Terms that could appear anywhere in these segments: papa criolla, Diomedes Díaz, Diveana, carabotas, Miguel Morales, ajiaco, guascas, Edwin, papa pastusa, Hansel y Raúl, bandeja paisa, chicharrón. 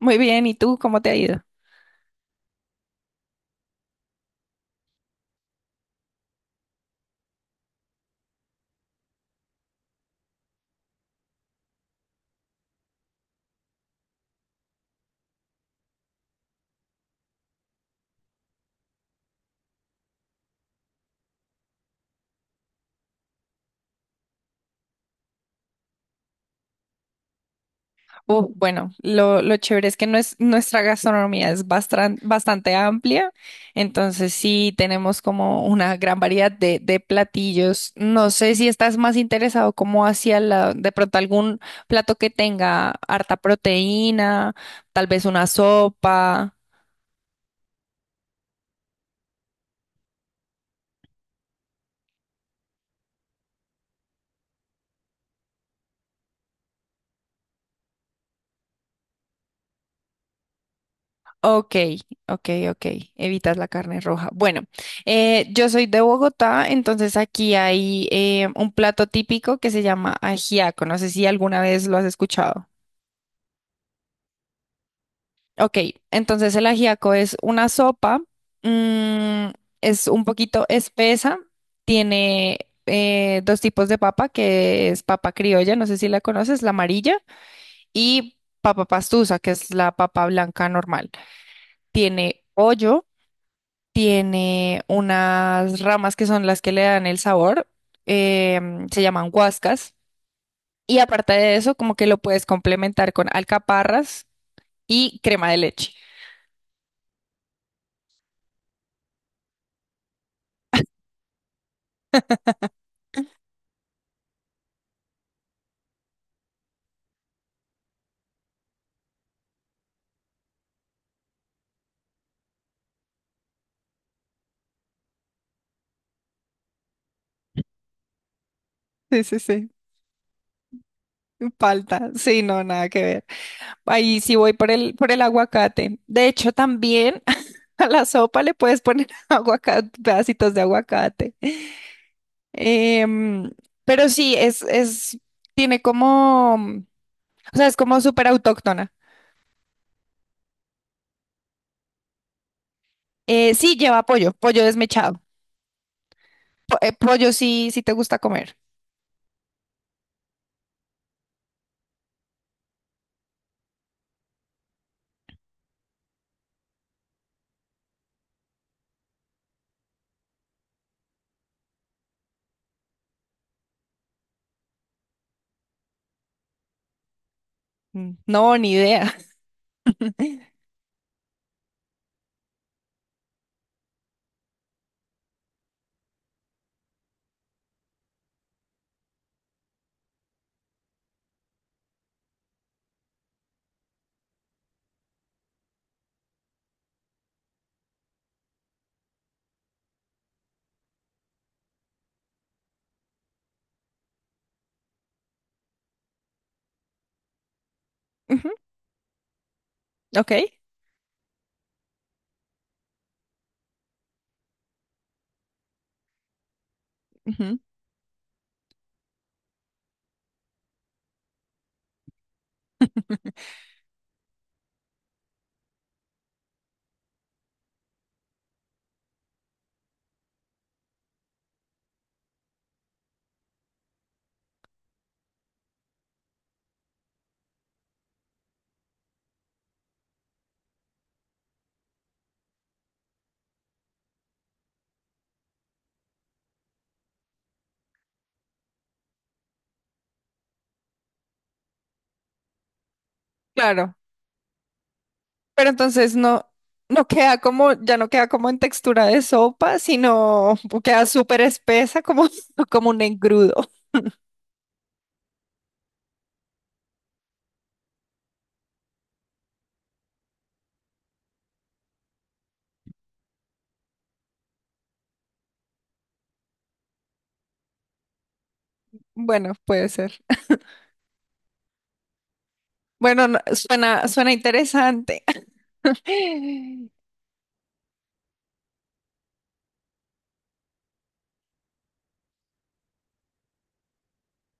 Muy bien, ¿y tú cómo te ha ido? Bueno, lo chévere es que nuestra gastronomía es bastante amplia, entonces sí tenemos como una gran variedad de platillos. No sé si estás más interesado como hacia la, de pronto algún plato que tenga harta proteína, tal vez una sopa. Ok, ok, evitas la carne roja. Bueno, yo soy de Bogotá, entonces aquí hay un plato típico que se llama ajiaco. No sé si alguna vez lo has escuchado. Ok, entonces el ajiaco es una sopa, mm, es un poquito espesa, tiene dos tipos de papa, que es papa criolla, no sé si la conoces, la amarilla, y papa pastusa, que es la papa blanca normal. Tiene pollo, tiene unas ramas que son las que le dan el sabor, se llaman guascas, y aparte de eso, como que lo puedes complementar con alcaparras y crema de leche. Sí, sí, sí. Palta, sí, no, nada que ver. Ahí sí voy por por el aguacate. De hecho, también a la sopa le puedes poner aguacate, pedacitos de aguacate. Em, pero sí, tiene como, o sea, es como súper autóctona. Sí, lleva pollo, pollo desmechado. Pollo sí, sí te gusta comer. Mm, no, ni idea. Ujú. Ok. Ujú. Claro. Pero entonces no, no queda como, ya no queda como en textura de sopa, sino queda súper espesa, como, como un engrudo. Bueno, puede ser. Bueno, no, suena, suena interesante.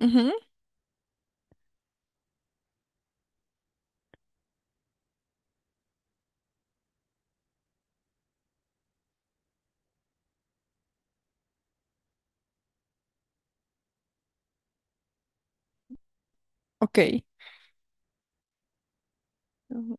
Ujú. Ok, ujú,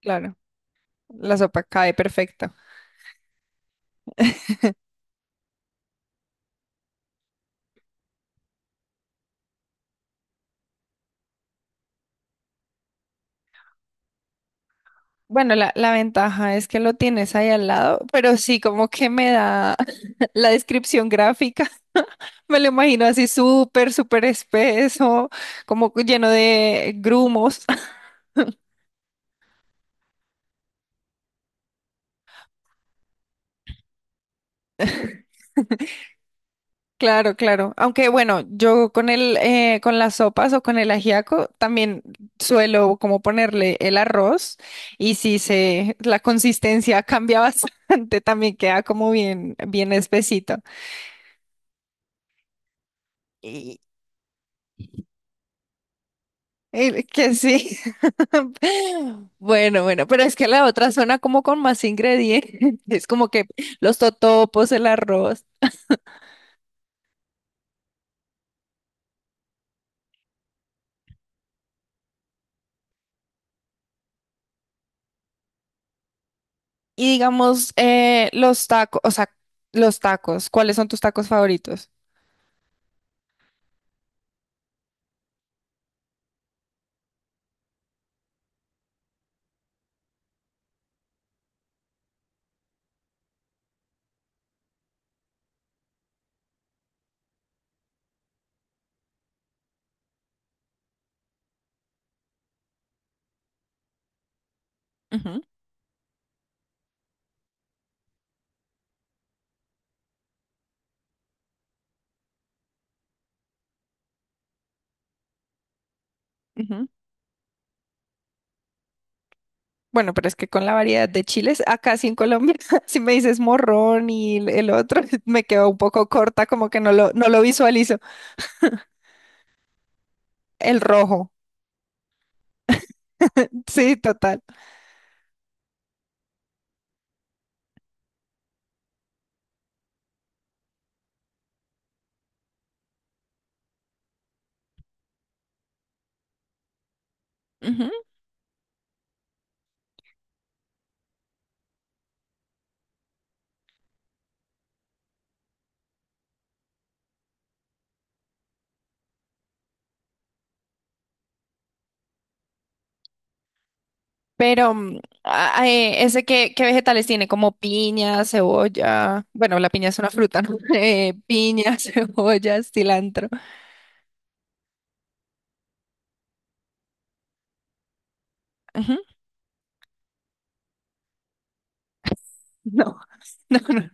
claro, la sopa cae perfecto. Bueno, la ventaja es que lo tienes ahí al lado, pero sí como que me da la descripción gráfica. Me lo imagino así súper, súper espeso, como lleno de grumos. Claro, claro. Aunque bueno, yo con el, con las sopas o con el ajiaco también suelo como ponerle el arroz y si se, la consistencia cambia bastante, también queda como bien, bien espesito. Y, que sí. Bueno, bueno, pero es que la otra suena como con más ingredientes, es como que los totopos, el arroz y digamos los tacos, o sea, los tacos. ¿Cuáles son tus tacos favoritos? Ujú, ujú. Bueno, pero es que con la variedad de chiles, acá sí en Colombia, si me dices morrón y el otro, me quedo un poco corta, como que no lo, no lo visualizo. El rojo. Sí, total. Ujú. Pero ese qué, qué vegetales tiene, como piña, cebolla. Bueno, la piña es una fruta, ¿no? Piña, cebolla, cilantro. Ujú. No, no, no.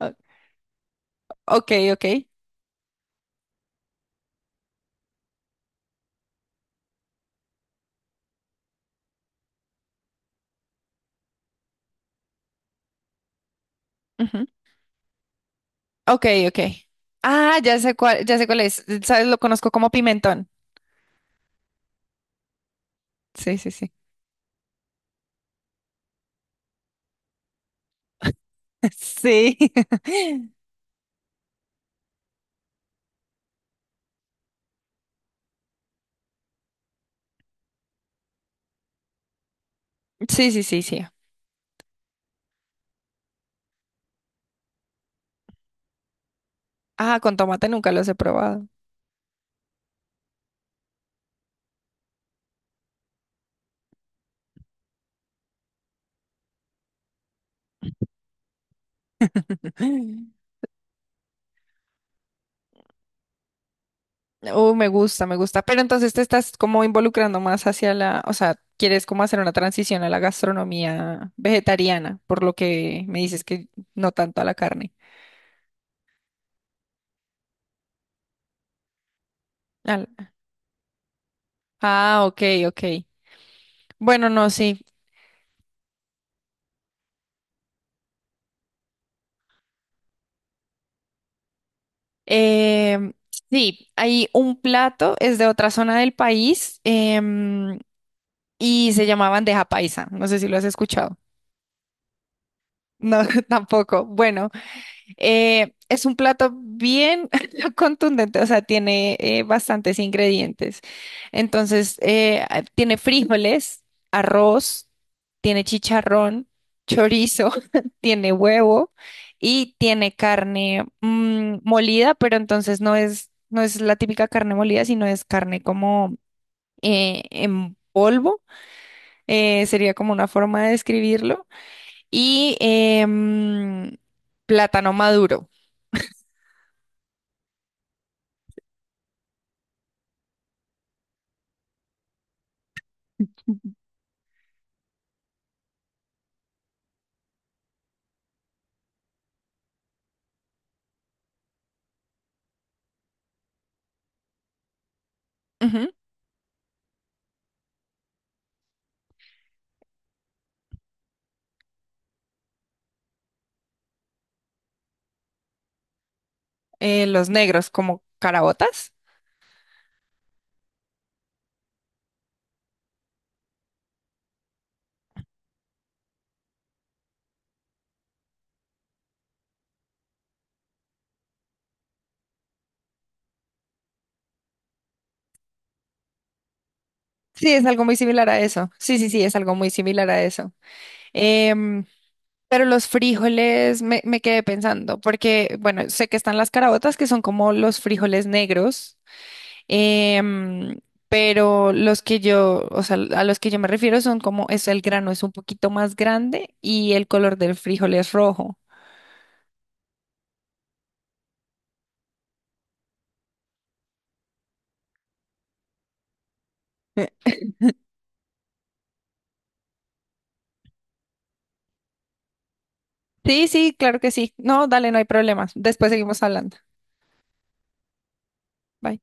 O- Ok, ok. Ujú. Ok, ok. Ah, ya sé cuál es. ¿Sabes? Lo conozco como pimentón. Sí, sí, sí. Sí. Sí, sí, sí, sí. Ah, con tomate nunca los he probado. Oh, me gusta, me gusta. Pero entonces te estás como involucrando más hacia la, o sea, quieres como hacer una transición a la gastronomía vegetariana, por lo que me dices que no tanto a la carne. Al- Ah, ok, ok. Bueno, no, sí. Em, sí, hay un plato, es de otra zona del país, y se llama bandeja paisa. No sé si lo has escuchado. No, tampoco. Bueno. Es un plato bien contundente, o sea, tiene bastantes ingredientes. Entonces, tiene frijoles, arroz, tiene chicharrón, chorizo, tiene huevo y tiene carne molida, pero entonces no es, no es la típica carne molida, sino es carne como en polvo, sería como una forma de describirlo, y plátano maduro. Ujú. Los negros como carabotas. Sí, es algo muy similar a eso. Sí, sí, sí, es algo muy similar a eso. Em, pero los frijoles me, me quedé pensando, porque, bueno, sé que están las carabotas, que son como los frijoles negros, em, pero los que yo, o sea, a los que yo me refiero son como, es el grano es un poquito más grande y el color del frijol es rojo. Sí, sí, claro que sí. No, dale, no hay problema. Después seguimos hablando. Bye.